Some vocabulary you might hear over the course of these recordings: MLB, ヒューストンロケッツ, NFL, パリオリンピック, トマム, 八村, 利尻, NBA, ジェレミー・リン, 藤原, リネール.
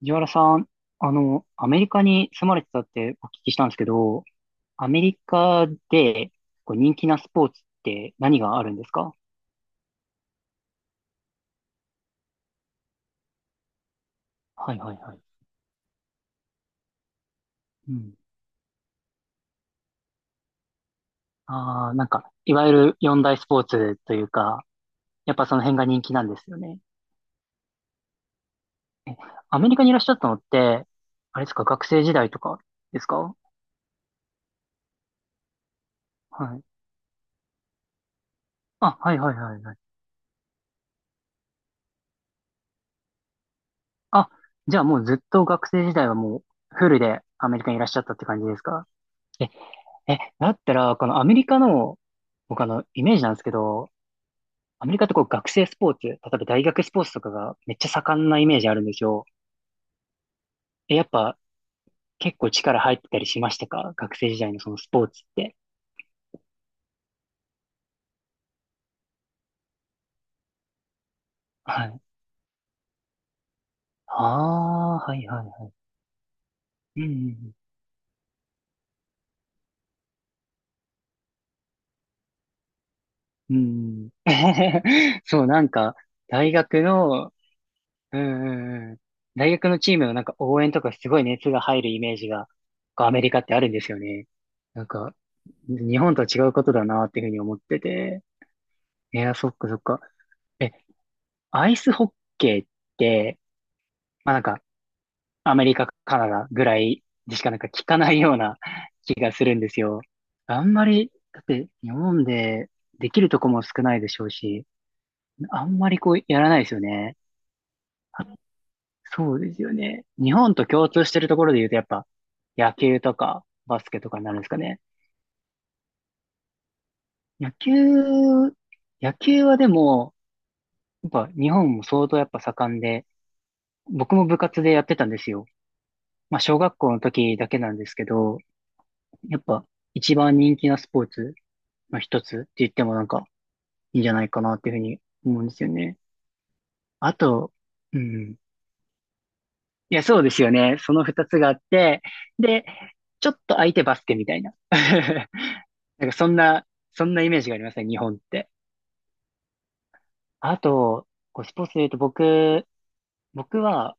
藤原さん、アメリカに住まれてたってお聞きしたんですけど、アメリカでこう人気なスポーツって何があるんですか？はいはいはい。うん。ああ、なんか、いわゆる四大スポーツというか、やっぱその辺が人気なんですよね。え、アメリカにいらっしゃったのって、あれですか、学生時代とかですか？はい。あ、はいはいはいはい。あ、じゃあもうずっと学生時代はもうフルでアメリカにいらっしゃったって感じですか？え、だったら、このアメリカの、僕イメージなんですけど、アメリカってこう学生スポーツ、例えば大学スポーツとかがめっちゃ盛んなイメージあるんですよ。え、やっぱ結構力入ってたりしましたか、学生時代のそのスポーツって。はい。ああ、はいはいはい。うんうんうん。うんうん。そう、なんか、大学の、うんうんうん。大学のチームのなんか応援とかすごい熱が入るイメージが、こうアメリカってあるんですよね。なんか、日本とは違うことだなっていうふうに思ってて。いや、そっかそっか。え、アイスホッケーって、まあなんか、アメリカ、カナダぐらいでしかなんか聞かないような 気がするんですよ。あんまり、だって日本でできるとこも少ないでしょうし、あんまりこうやらないですよね。そうですよね。日本と共通してるところで言うと、やっぱ、野球とか、バスケとかになるんですかね。野球、野球はでも、やっぱ日本も相当やっぱ盛んで、僕も部活でやってたんですよ。まあ、小学校の時だけなんですけど、やっぱ一番人気なスポーツの一つって言ってもなんかいいんじゃないかなっていうふうに思うんですよね。あと、うん。いや、そうですよね。その二つがあって、で、ちょっと相手バスケみたいな。なんかそんなイメージがありますね、日本って。あと、こうスポーツで言うと僕は、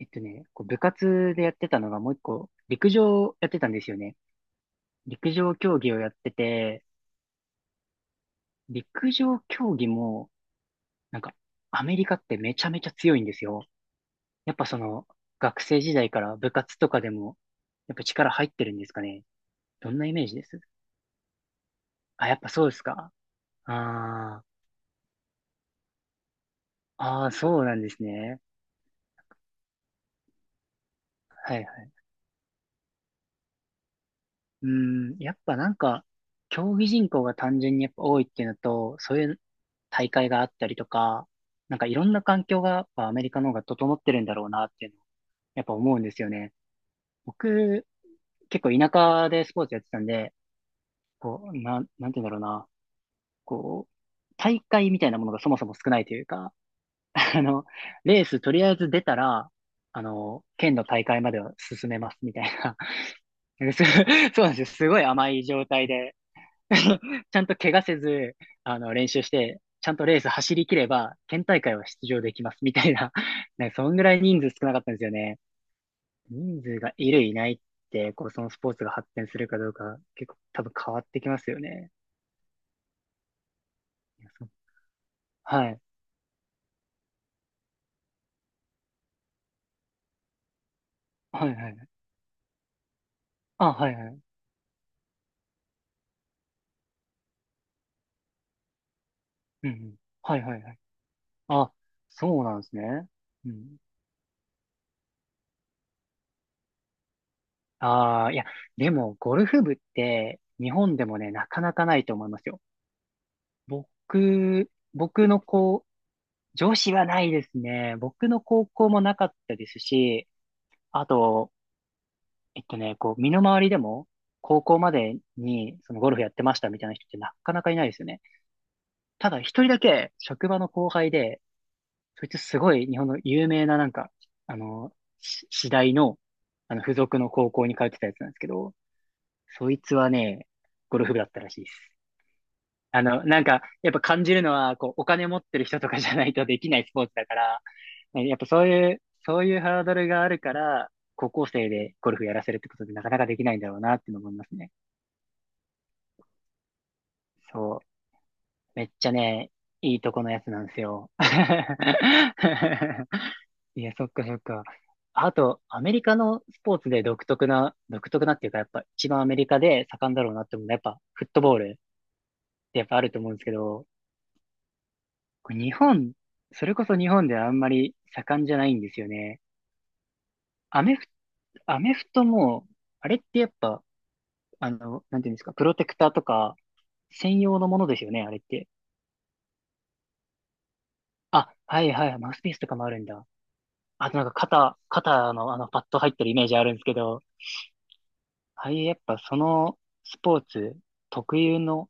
こう部活でやってたのがもう一個、陸上やってたんですよね。陸上競技をやってて、陸上競技も、なんか、アメリカってめちゃめちゃ強いんですよ。やっぱその、学生時代から部活とかでも、やっぱ力入ってるんですかね。どんなイメージです？あ、やっぱそうですか。ああ、ああ、そうなんですね。はいはい。うん、やっぱなんか、競技人口が単純にやっぱ多いっていうのと、そういう大会があったりとか、なんかいろんな環境がやっぱアメリカの方が整ってるんだろうなっていうのをやっぱ思うんですよね。僕、結構田舎でスポーツやってたんで、こう、なんて言うんだろうな、こう、大会みたいなものがそもそも少ないというか、あの、レースとりあえず出たら、県の大会までは進めますみたいな。そうそうなんですよ。すごい甘い状態で ちゃんと怪我せず、練習して、ちゃんとレース走り切れば、県大会は出場できます、みたいな。ね、そんぐらい人数少なかったんですよね。人数がいる、いないって、こう、そのスポーツが発展するかどうか、結構多分変わってきますよね。いや、そう。はい。はいはい。あ、はいはい。うんうん。はいはいはい。あ、そうなんですね。うん。ああ、いや、でも、ゴルフ部って、日本でもね、なかなかないと思いますよ。僕の子上司はないですね。僕の高校もなかったですし、あと、こう、身の回りでも、高校までに、そのゴルフやってましたみたいな人ってなかなかいないですよね。ただ、一人だけ、職場の後輩で、そいつすごい日本の有名ななんか、あの、私大の、付属の高校に通ってたやつなんですけど、そいつはね、ゴルフ部だったらしいです。なんか、やっぱ感じるのは、こう、お金持ってる人とかじゃないとできないスポーツだから、ね、やっぱそういうハードルがあるから、高校生でゴルフやらせるってことでなかなかできないんだろうなっていうのを思いますね。そう。めっちゃね、いいとこのやつなんですよ。いや、そっかそっか。あと、アメリカのスポーツで独特な、独特なっていうか、やっぱ一番アメリカで盛んだろうなって思うのは、やっぱフットボールってやっぱあると思うんですけど、これ日本、それこそ日本ではあんまり盛んじゃないんですよね。アメフ、アメフトも、あれってやっぱ、なんていうんですか、プロテクターとか、専用のものですよね、あれって。あ、はいはい、マウスピースとかもあるんだ。あとなんか肩のパッド入ってるイメージあるんですけど、ああいうやっぱそのスポーツ特有の、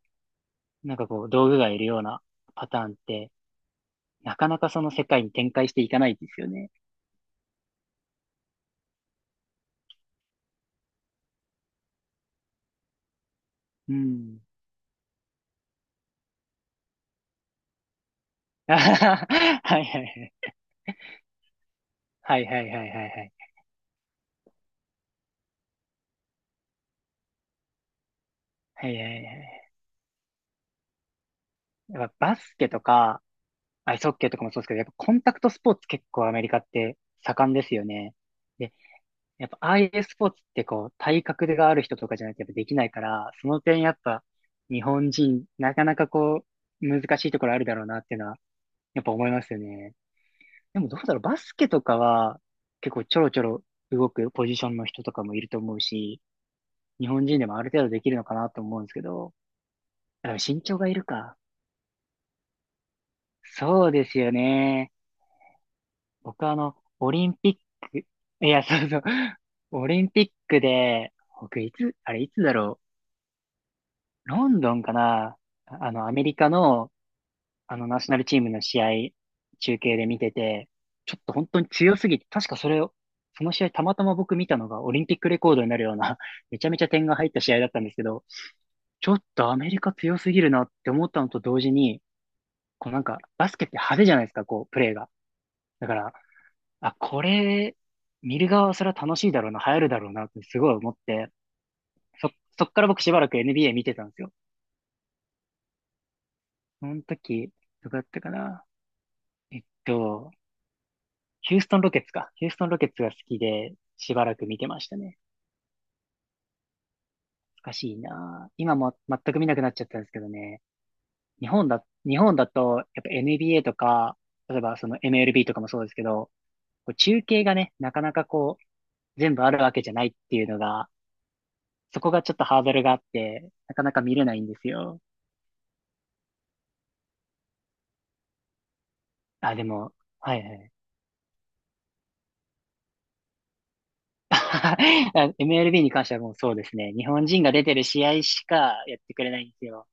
なんかこう、道具がいるようなパターンって、なかなかその世界に展開していかないですよね。うん。はいはいはい。はいはいはいはいはい。はいはいはいはい。やっぱバスケとか、アイスホッケーとかもそうですけど、やっぱコンタクトスポーツ結構アメリカって盛んですよね。で、やっぱああいうスポーツってこう、体格がある人とかじゃないとやっぱできないから、その点やっぱ日本人、なかなかこう、難しいところあるだろうなっていうのは、やっぱ思いますよね。でもどうだろう、バスケとかは結構ちょろちょろ動くポジションの人とかもいると思うし、日本人でもある程度できるのかなと思うんですけど、あでも身長がいるか。そうですよね。僕はオリンピック、いや、そうそう。オリンピックで、僕いつ、あれいつだろう。ロンドンかな。アメリカの、ナショナルチームの試合、中継で見てて、ちょっと本当に強すぎて、確かそれを、その試合たまたま僕見たのがオリンピックレコードになるような、めちゃめちゃ点が入った試合だったんですけど、ちょっとアメリカ強すぎるなって思ったのと同時に、こうなんか、バスケって派手じゃないですか、こう、プレーが。だから、あ、これ、見る側はそれは楽しいだろうな、流行るだろうなってすごい思って、そ、そっから僕しばらく NBA 見てたんですよ。その時、どこだったかな。えっと、ヒューストンロケッツか。ヒューストンロケッツが好きで、しばらく見てましたね。懐かしいな。今も全く見なくなっちゃったんですけどね。日本だ、日本だと、やっぱ NBA とか、例えばその MLB とかもそうですけど、こう中継がね、なかなかこう、全部あるわけじゃないっていうのが、そこがちょっとハードルがあって、なかなか見れないんですよ。あ、でも、はいはい。あ MLB に関してはもうそうですね。日本人が出てる試合しかやってくれないんですよ。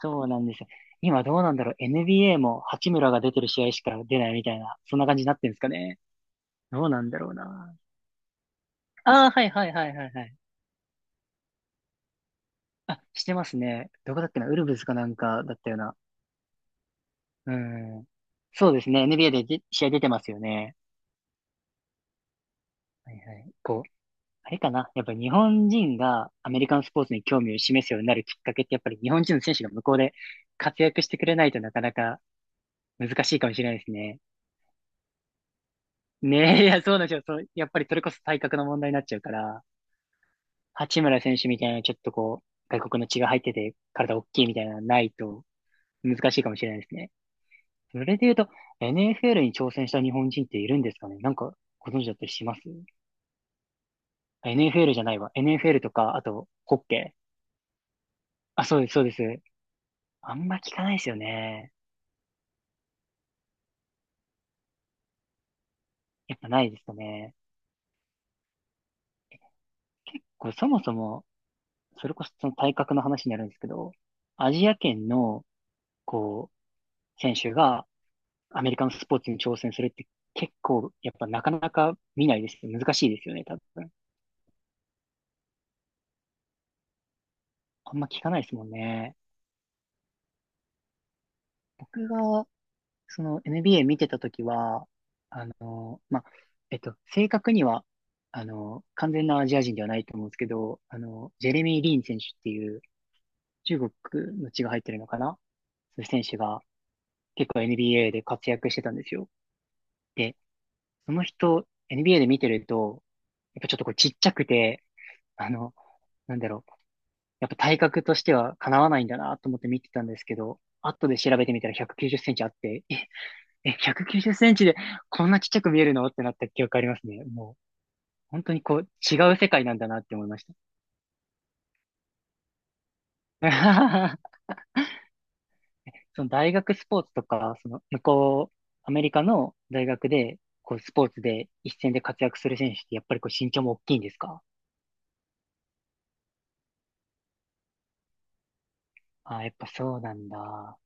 そうなんですよ。今どうなんだろう。NBA も八村が出てる試合しか出ないみたいな、そんな感じになってるんですかね。どうなんだろうな。ああ、はいはいはいはいはい。あ、してますね。どこだっけな。ウルブズかなんかだったような。うん。そうですね。NBA で試合出てますよね。はいはい。こうあれかな。やっぱり日本人がアメリカンスポーツに興味を示すようになるきっかけってやっぱり日本人の選手が向こうで活躍してくれないとなかなか難しいかもしれないですね。ねえ、いや、そうなんですよ。そう、やっぱりそれこそ体格の問題になっちゃうから、八村選手みたいなちょっとこう、外国の血が入ってて体大きいみたいなのないと難しいかもしれないですね。それで言うと、NFL に挑戦した日本人っているんですかね、なんかご存知だったりします？ NFL じゃないわ。NFL とか、あと、ホッケー。あ、そうです、そうです。あんま聞かないですよね。やっぱないですかね。結構そもそも、それこそその体格の話になるんですけど、アジア圏の、こう、選手がアメリカのスポーツに挑戦するって結構、やっぱなかなか見ないです。難しいですよね、多分。あんま聞かないですもんね。僕が、その NBA 見てた時は、あの、まあ、正確には、あの、完全なアジア人ではないと思うんですけど、あの、ジェレミー・リン選手っていう、中国の血が入ってるのかな。そういう選手が結構 NBA で活躍してたんですよ。で、その人、NBA で見てると、やっぱちょっとこうちっちゃくて、あの、なんだろう。やっぱ体格としては叶わないんだなと思って見てたんですけど、後で調べてみたら190センチあって、え、え、190センチでこんなちっちゃく見えるのってなった記憶ありますね。もう、本当にこう違う世界なんだなって思いました。その大学スポーツとか、その向こう、アメリカの大学で、こう、スポーツで一戦で活躍する選手って、やっぱりこう、身長も大きいんですか？あやっぱそうなんだ。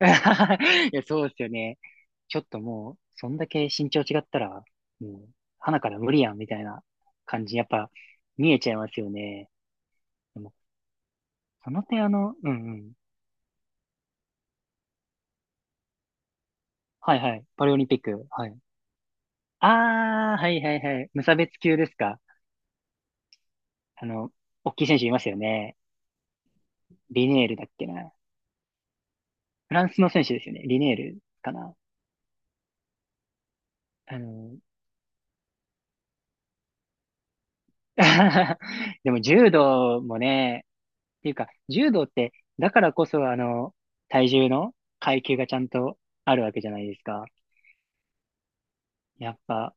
いや、そうですよね。ちょっともう、そんだけ身長違ったら、もう、鼻から無理やん、みたいな感じ、やっぱ、見えちゃいますよね。でも、その点あの、うんうん。はいはい。パリオリンピック。はい。ああ、はいはいはい。無差別級ですか。あの、大きい選手いますよね。リネールだっけな。フランスの選手ですよね。リネールかな。あの、でも柔道もね、っていうか、柔道って、だからこそあの、体重の階級がちゃんとあるわけじゃないですか。やっぱ、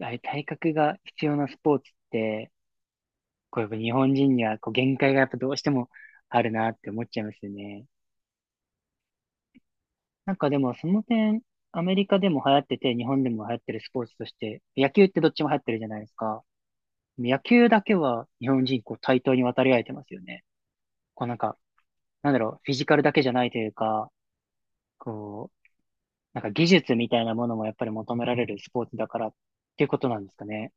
あれ体格が必要なスポーツって、こうやっぱ日本人にはこう限界がやっぱどうしてもあるなって思っちゃいますよね。なんかでもその点、アメリカでも流行ってて、日本でも流行ってるスポーツとして、野球ってどっちも流行ってるじゃないですか。野球だけは日本人こう対等に渡り合えてますよね。こうなんか、なんだろう、フィジカルだけじゃないというか、こう、なんか技術みたいなものもやっぱり求められるスポーツだからっていうことなんですかね。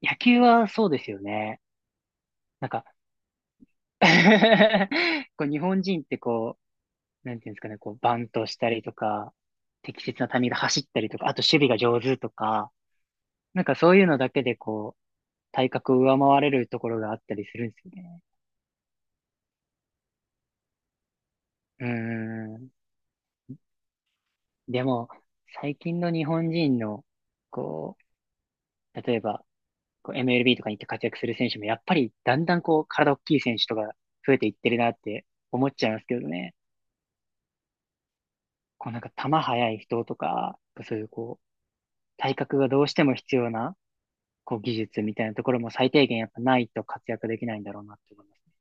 野球はそうですよね。なんか こう日本人ってこう、なんていうんですかね、こうバントしたりとか、適切なタイミングで走ったりとか、あと守備が上手とか、なんかそういうのだけでこう、体格を上回れるところがあったりするんですよね。うーん。でも、最近の日本人の、こう、例えば、こう MLB とかに行って活躍する選手も、やっぱりだんだんこう、体大きい選手とか増えていってるなって思っちゃいますけどね。こうなんか球速い人とか、そういうこう、体格がどうしても必要な、こう技術みたいなところも最低限やっぱないと活躍できないんだろうなって思いますね。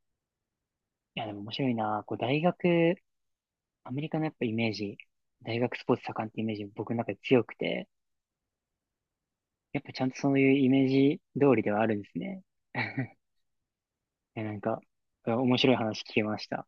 いや、でも面白いな。こう大学、アメリカのやっぱイメージ、大学スポーツ盛んってイメージ僕の中で強くて、やっぱちゃんとそういうイメージ通りではあるんですね。え、なんか、面白い話聞けました。